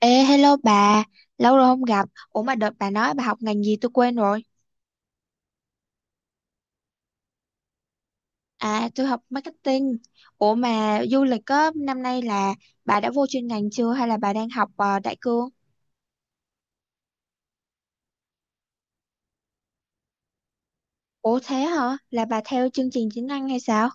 Ê, hello bà, lâu rồi không gặp. Ủa mà đợt bà nói bà học ngành gì tôi quên rồi. À, tôi học marketing. Ủa mà du lịch á, năm nay là bà đã vô chuyên ngành chưa hay là bà đang học đại cương? Ủa thế hả? Là bà theo chương trình chính năng hay sao?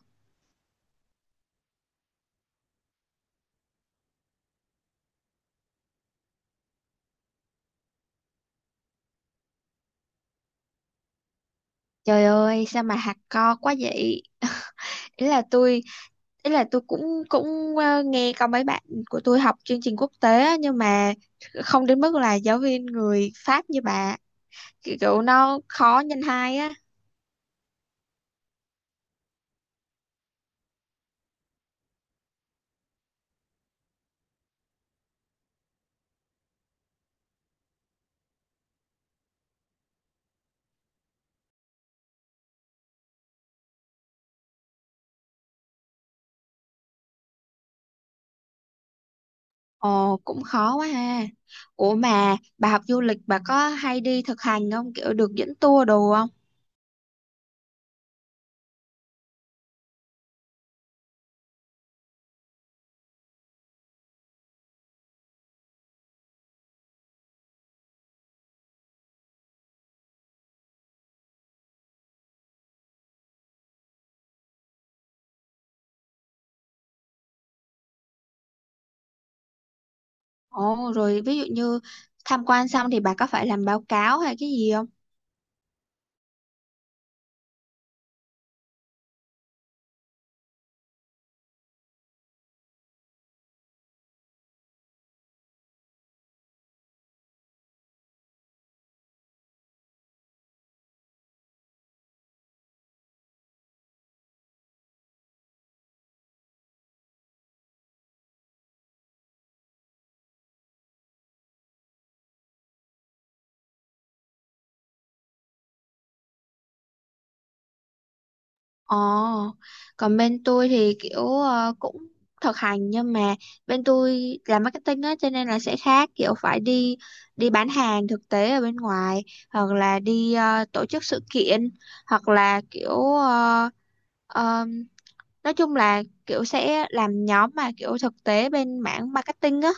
Trời ơi, sao mà hạt co quá vậy? Ý là tôi, ý là tôi cũng cũng nghe có mấy bạn của tôi học chương trình quốc tế á, nhưng mà không đến mức là giáo viên người Pháp như bà. Kiểu nó khó nhân hai á. Ồ cũng khó quá ha. Ủa mà bà học du lịch bà có hay đi thực hành không? Kiểu được dẫn tour đồ không? Ồ rồi ví dụ như tham quan xong thì bà có phải làm báo cáo hay cái gì không? Ồ, còn bên tôi thì kiểu cũng thực hành nhưng mà bên tôi làm marketing á, cho nên là sẽ khác, kiểu phải đi đi bán hàng thực tế ở bên ngoài hoặc là đi tổ chức sự kiện hoặc là kiểu uh, nói chung là kiểu sẽ làm nhóm mà kiểu thực tế bên mảng marketing á,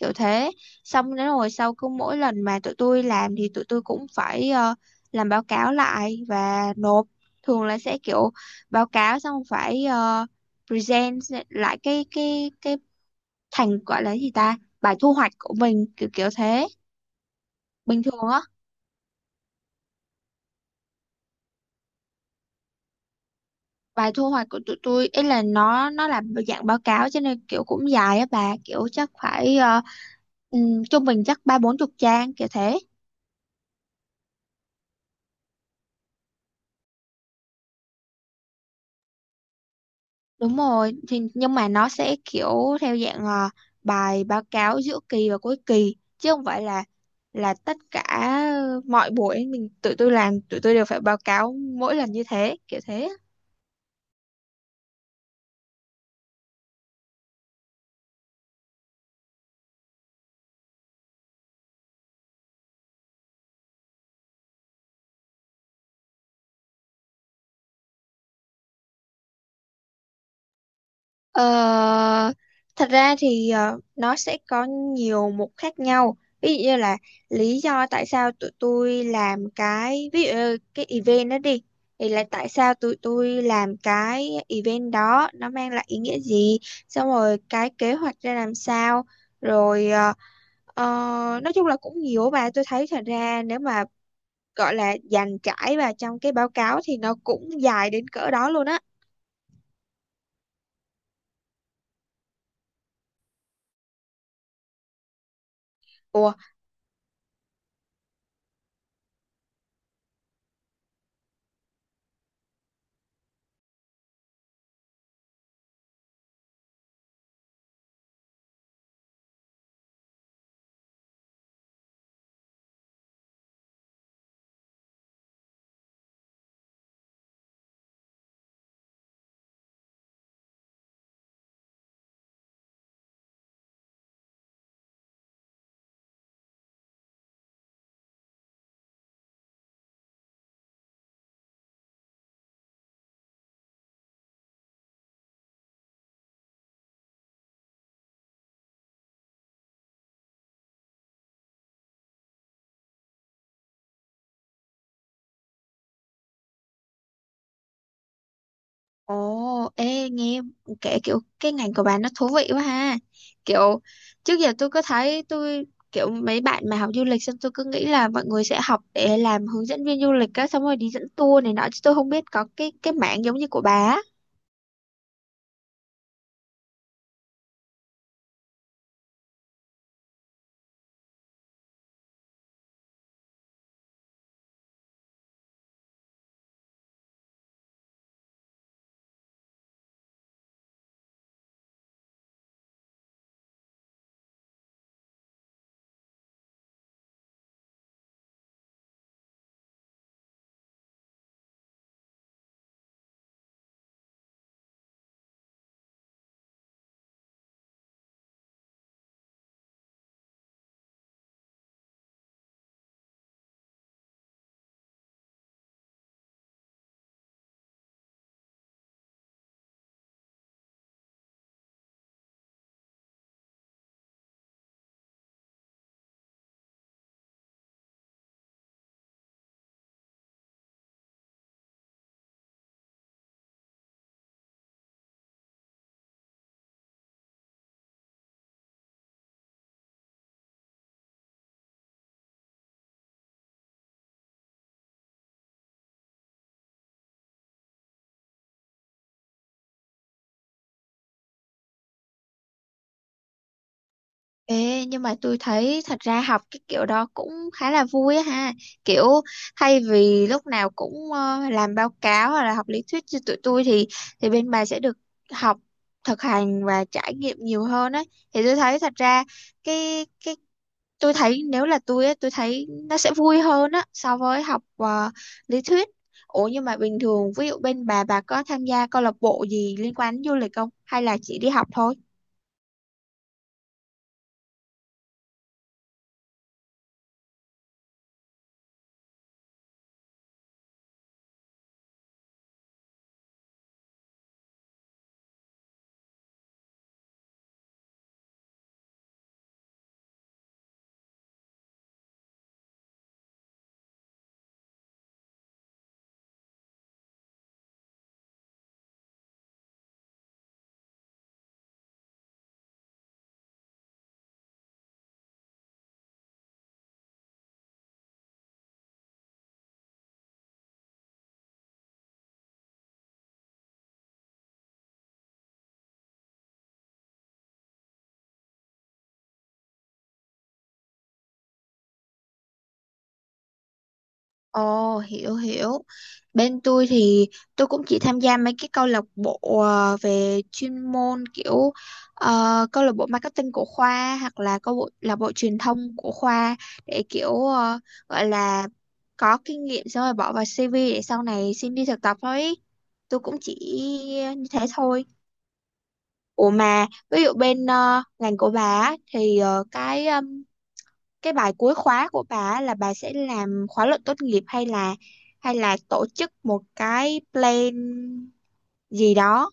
kiểu thế. Xong đến rồi sau cứ mỗi lần mà tụi tôi làm thì tụi tôi cũng phải làm báo cáo lại và nộp. Thường là sẽ kiểu báo cáo xong phải present lại cái thành gọi là gì ta, bài thu hoạch của mình, kiểu kiểu thế. Bình thường á, bài thu hoạch của tụi tôi ấy là nó là dạng báo cáo cho nên kiểu cũng dài á bà, kiểu chắc phải trung bình chắc ba bốn chục trang kiểu thế. Đúng rồi thì nhưng mà nó sẽ kiểu theo dạng bài báo cáo giữa kỳ và cuối kỳ chứ không phải là tất cả mọi buổi mình tụi tôi làm tụi tôi đều phải báo cáo mỗi lần như thế, kiểu thế. Ờ, thật ra thì nó sẽ có nhiều mục khác nhau. Ví dụ như là lý do tại sao tụi tôi làm cái ví dụ như cái event đó đi, thì là tại sao tụi tôi làm cái event đó, nó mang lại ý nghĩa gì, xong rồi cái kế hoạch ra làm sao, rồi ờ, nói chung là cũng nhiều và tôi thấy thật ra nếu mà gọi là dàn trải vào trong cái báo cáo thì nó cũng dài đến cỡ đó luôn á. Ủa. Ồ, ê, nghe kể kiểu cái ngành của bạn nó thú vị quá ha. Kiểu trước giờ tôi có thấy tôi kiểu mấy bạn mà học du lịch xong tôi cứ nghĩ là mọi người sẽ học để làm hướng dẫn viên du lịch á, xong rồi đi dẫn tour này nọ chứ tôi không biết có cái mảng giống như của bà á. Ê, nhưng mà tôi thấy thật ra học cái kiểu đó cũng khá là vui á ha. Kiểu thay vì lúc nào cũng làm báo cáo hoặc là học lý thuyết như tụi tôi thì bên bà sẽ được học thực hành và trải nghiệm nhiều hơn ấy. Thì tôi thấy thật ra cái tôi thấy nếu là tôi á tôi thấy nó sẽ vui hơn á so với học lý thuyết. Ủa nhưng mà bình thường ví dụ bên bà có tham gia câu lạc bộ gì liên quan đến du lịch không? Hay là chỉ đi học thôi? Ồ, hiểu hiểu. Bên tôi thì tôi cũng chỉ tham gia mấy cái câu lạc bộ về chuyên môn kiểu câu lạc bộ marketing của khoa hoặc là câu bộ là bộ truyền thông của khoa để kiểu gọi là có kinh nghiệm xong rồi bỏ vào CV để sau này xin đi thực tập thôi ý. Tôi cũng chỉ như thế thôi. Ủa mà ví dụ bên ngành của bà á, thì cái bài cuối khóa của bà á là bà sẽ làm khóa luận tốt nghiệp hay là tổ chức một cái plan gì đó.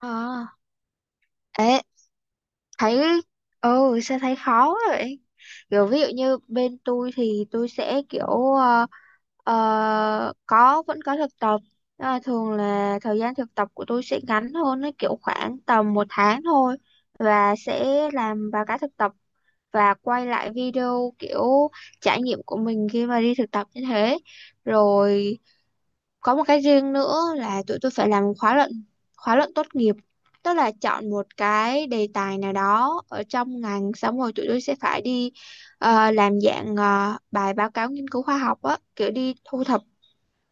À. Ê, thấy, ừ sao thấy khó quá vậy, kiểu ví dụ như bên tôi thì tôi sẽ kiểu ờ, có vẫn có thực tập. Nhưng mà thường là thời gian thực tập của tôi sẽ ngắn hơn, nó kiểu khoảng tầm một tháng thôi và sẽ làm báo cáo thực tập và quay lại video kiểu trải nghiệm của mình khi mà đi thực tập như thế rồi. Có một cái riêng nữa là tụi tôi phải làm khóa luận, khóa luận tốt nghiệp, tức là chọn một cái đề tài nào đó ở trong ngành xong rồi tụi tôi sẽ phải đi làm dạng bài báo cáo nghiên cứu khoa học á, kiểu đi thu thập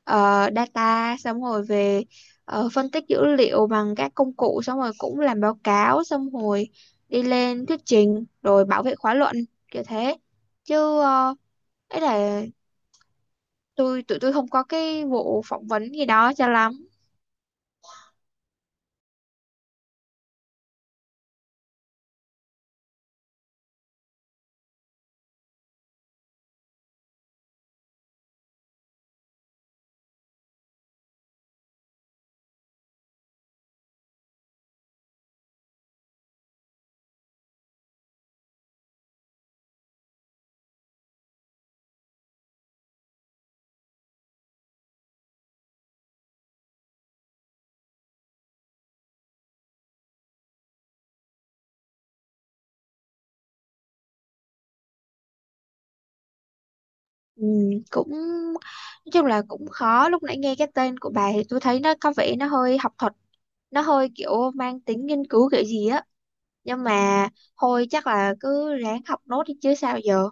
data xong rồi về phân tích dữ liệu bằng các công cụ xong rồi cũng làm báo cáo xong rồi đi lên thuyết trình rồi bảo vệ khóa luận kiểu thế. Chứ ấy là tụi tôi không có cái vụ phỏng vấn gì đó cho lắm. Ừ, cũng nói chung là cũng khó, lúc nãy nghe cái tên của bà thì tôi thấy nó có vẻ nó hơi học thuật, nó hơi kiểu mang tính nghiên cứu kiểu gì á, nhưng mà thôi chắc là cứ ráng học nốt đi chứ sao giờ.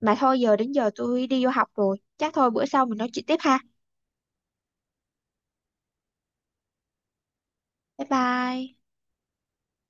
Mà thôi giờ đến giờ tôi đi vô học rồi, chắc thôi bữa sau mình nói chuyện tiếp ha. Bye bye.